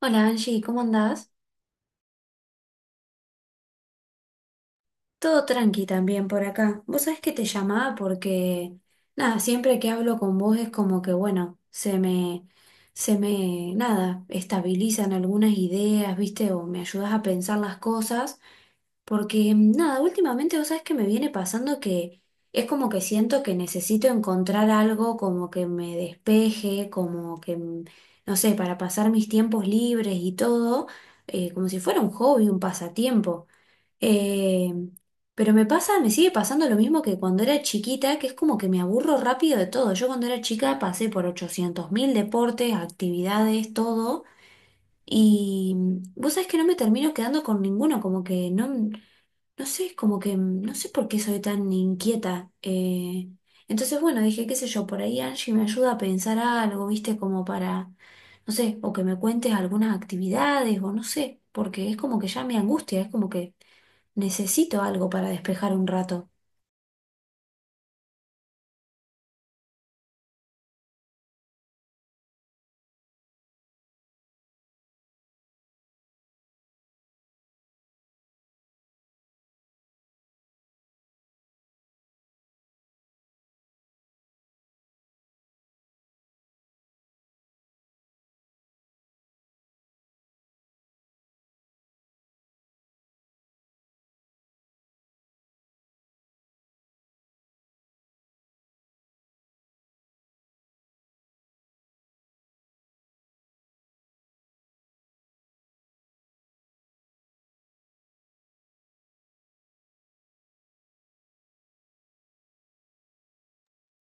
Hola Angie, ¿cómo andás? Todo tranqui también por acá. Vos sabés que te llamaba porque, nada, siempre que hablo con vos es como que, bueno, se me, nada, estabilizan algunas ideas, ¿viste? O me ayudás a pensar las cosas porque, nada, últimamente vos sabés que me viene pasando que es como que siento que necesito encontrar algo como que me despeje, como que, no sé, para pasar mis tiempos libres y todo, como si fuera un hobby, un pasatiempo. Eh, pero me pasa, me sigue pasando lo mismo que cuando era chiquita, que es como que me aburro rápido de todo. Yo cuando era chica pasé por 800.000 deportes, actividades, todo. Y vos sabés que no me termino quedando con ninguno, como que no, no sé, es como que no sé por qué soy tan inquieta. Entonces, bueno, dije, qué sé yo, por ahí Angie me ayuda a pensar algo, viste, como para, no sé, o que me cuentes algunas actividades, o no sé, porque es como que ya me angustia, es como que... Necesito algo para despejar un rato.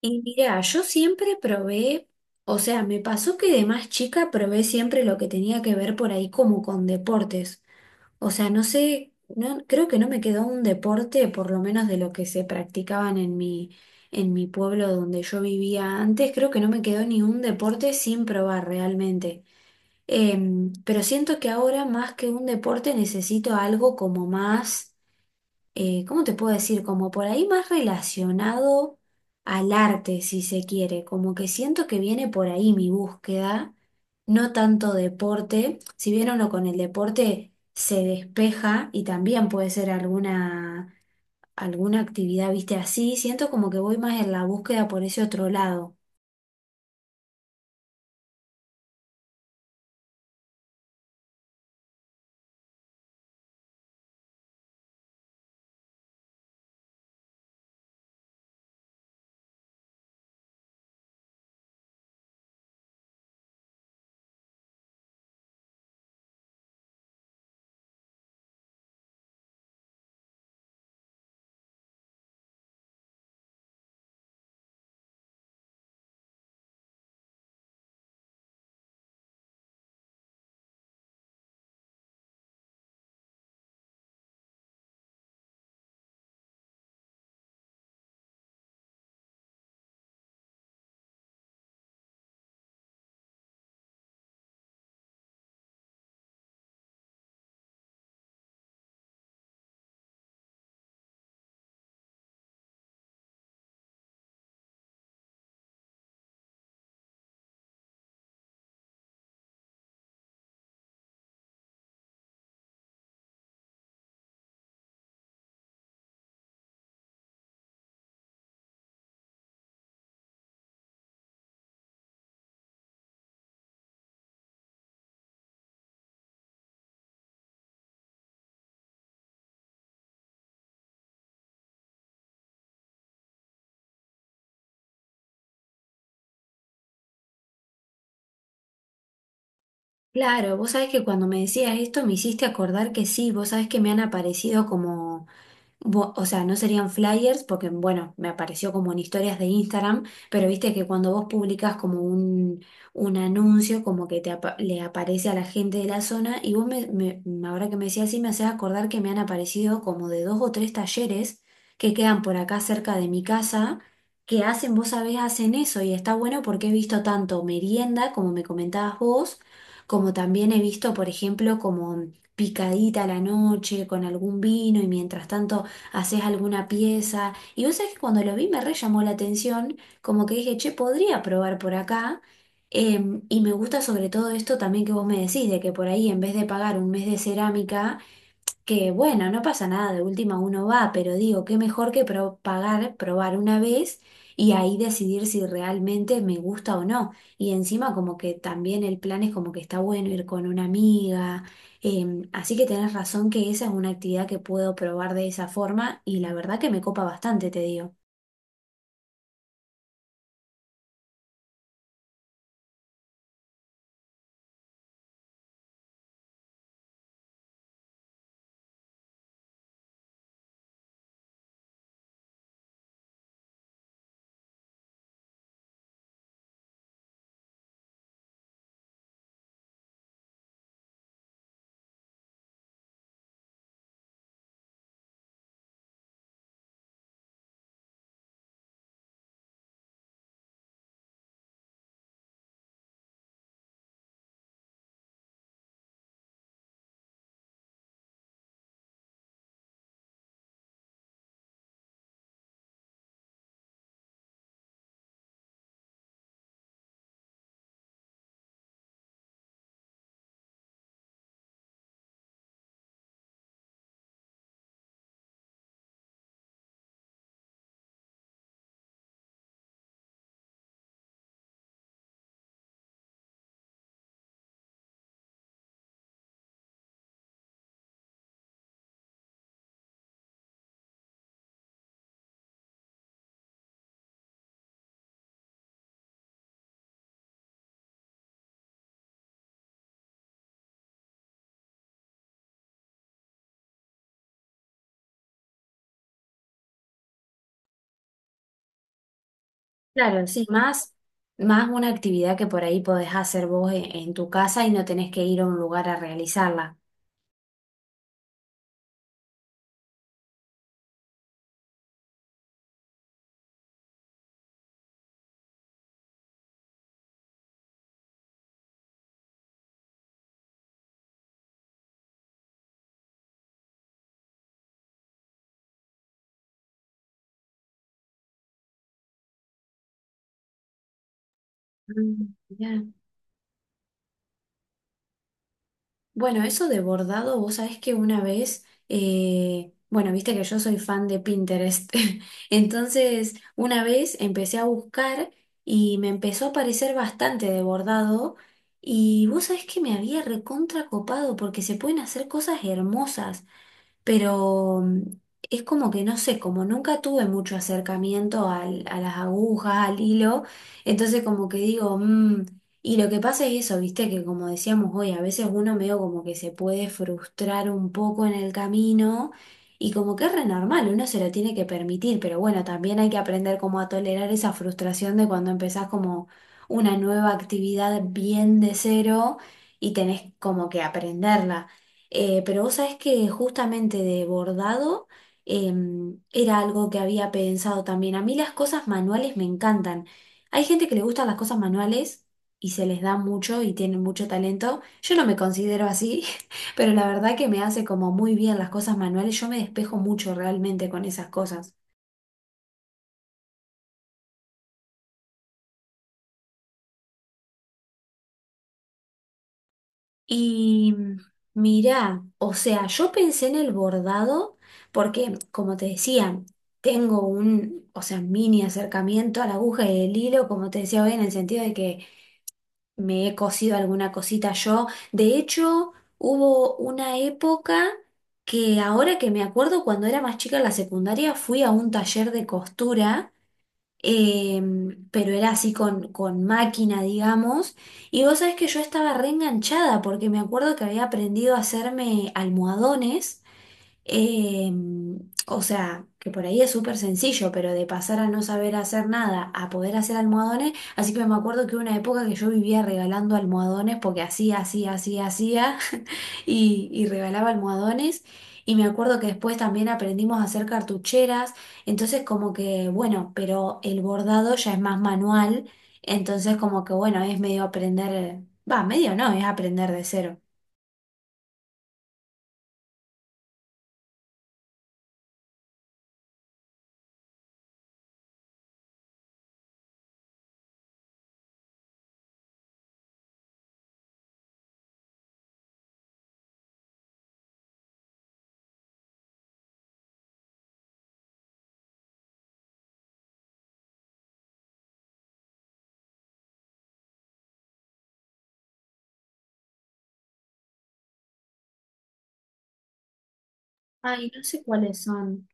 Y mira, yo siempre probé, o sea, me pasó que de más chica probé siempre lo que tenía que ver por ahí como con deportes. O sea, no sé, no, creo que no me quedó un deporte, por lo menos de lo que se practicaban en mi pueblo donde yo vivía antes, creo que no me quedó ni un deporte sin probar realmente. Pero siento que ahora más que un deporte necesito algo como más ¿cómo te puedo decir? Como por ahí más relacionado al arte, si se quiere, como que siento que viene por ahí mi búsqueda, no tanto deporte, si bien uno con el deporte se despeja y también puede ser alguna, alguna actividad, viste, así, siento como que voy más en la búsqueda por ese otro lado. Claro, vos sabés que cuando me decías esto me hiciste acordar que sí, vos sabés que me han aparecido como Bu- o sea, no serían flyers porque, bueno, me apareció como en historias de Instagram, pero viste que cuando vos publicas como un anuncio, como que te apa- le aparece a la gente de la zona, y vos ahora que me decías así, me hacés acordar que me han aparecido como de dos o tres talleres que quedan por acá cerca de mi casa, que hacen, vos sabés, hacen eso, y está bueno porque he visto tanto merienda, como me comentabas vos, como también he visto, por ejemplo, como picadita a la noche con algún vino y mientras tanto haces alguna pieza. Y vos sabés que cuando lo vi me re llamó la atención, como que dije, che, podría probar por acá. Y me gusta sobre todo esto también que vos me decís, de que por ahí en vez de pagar un mes de cerámica, que bueno, no pasa nada, de última uno va, pero digo, qué mejor que pro- pagar, probar una vez y ahí decidir si realmente me gusta o no. Y encima como que también el plan es como que está bueno ir con una amiga. Así que tenés razón que esa es una actividad que puedo probar de esa forma y la verdad que me copa bastante, te digo. Claro, sí, más, más una actividad que por ahí podés hacer vos en tu casa y no tenés que ir a un lugar a realizarla. Mm, mirá. Bueno, eso de bordado, vos sabés que una vez, bueno, viste que yo soy fan de Pinterest, entonces una vez empecé a buscar y me empezó a parecer bastante de bordado y vos sabés que me había recontra copado porque se pueden hacer cosas hermosas pero es como que no sé, como nunca tuve mucho acercamiento al- a las agujas, al hilo, entonces como que digo, "Mm". Y lo que pasa es eso, viste, que como decíamos hoy, a veces uno medio como que se puede frustrar un poco en el camino. Y como que es re normal, uno se lo tiene que permitir, pero bueno, también hay que aprender como a tolerar esa frustración de cuando empezás como una nueva actividad bien de cero y tenés como que aprenderla. Pero vos sabés que justamente de bordado era algo que había pensado también. A mí las cosas manuales me encantan. Hay gente que le gustan las cosas manuales y se les da mucho y tienen mucho talento. Yo no me considero así, pero la verdad que me hace como muy bien las cosas manuales. Yo me despejo mucho realmente con esas cosas. Y mirá, o sea, yo pensé en el bordado porque, como te decía, tengo un, o sea, mini acercamiento a la aguja y el hilo, como te decía hoy, en el sentido de que me he cosido alguna cosita yo. De hecho, hubo una época que ahora que me acuerdo, cuando era más chica en la secundaria, fui a un taller de costura pero era así con máquina, digamos. Y vos sabés que yo estaba reenganchada porque me acuerdo que había aprendido a hacerme almohadones. Eh, o sea, que por ahí es súper sencillo, pero de pasar a no saber hacer nada a poder hacer almohadones, así que me acuerdo que hubo una época que yo vivía regalando almohadones porque hacía y regalaba almohadones. Y me acuerdo que después también aprendimos a hacer cartucheras, entonces como que, bueno, pero el bordado ya es más manual, entonces como que, bueno, es medio aprender, va, medio no, es aprender de cero. Ay, no sé cuáles son.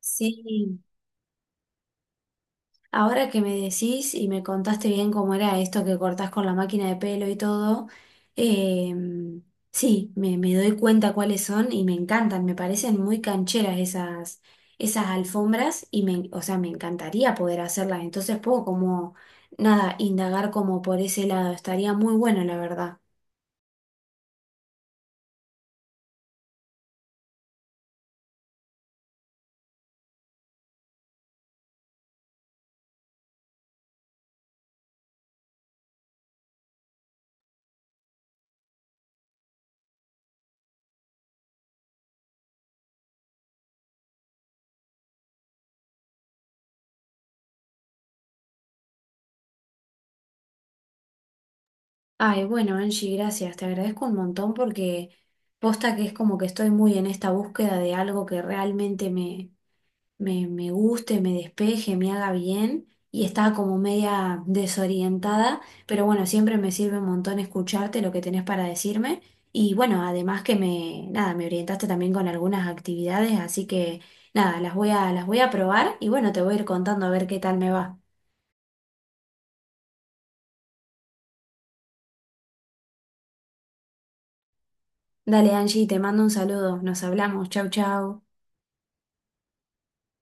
Sí. Ahora que me decís y me contaste bien cómo era esto que cortás con la máquina de pelo y todo, eh, sí, me doy cuenta cuáles son y me encantan, me parecen muy cancheras esas, esas alfombras y me, o sea, me encantaría poder hacerlas, entonces puedo como, nada, indagar como por ese lado, estaría muy bueno, la verdad. Ay, bueno, Angie, gracias, te agradezco un montón porque posta que es como que estoy muy en esta búsqueda de algo que realmente me guste, me despeje, me haga bien. Y estaba como media desorientada, pero bueno, siempre me sirve un montón escucharte lo que tenés para decirme. Y bueno, además que me, nada, me orientaste también con algunas actividades, así que nada, las voy a probar y bueno, te voy a ir contando a ver qué tal me va. Dale, Angie, te mando un saludo. Nos hablamos. Chau, chau.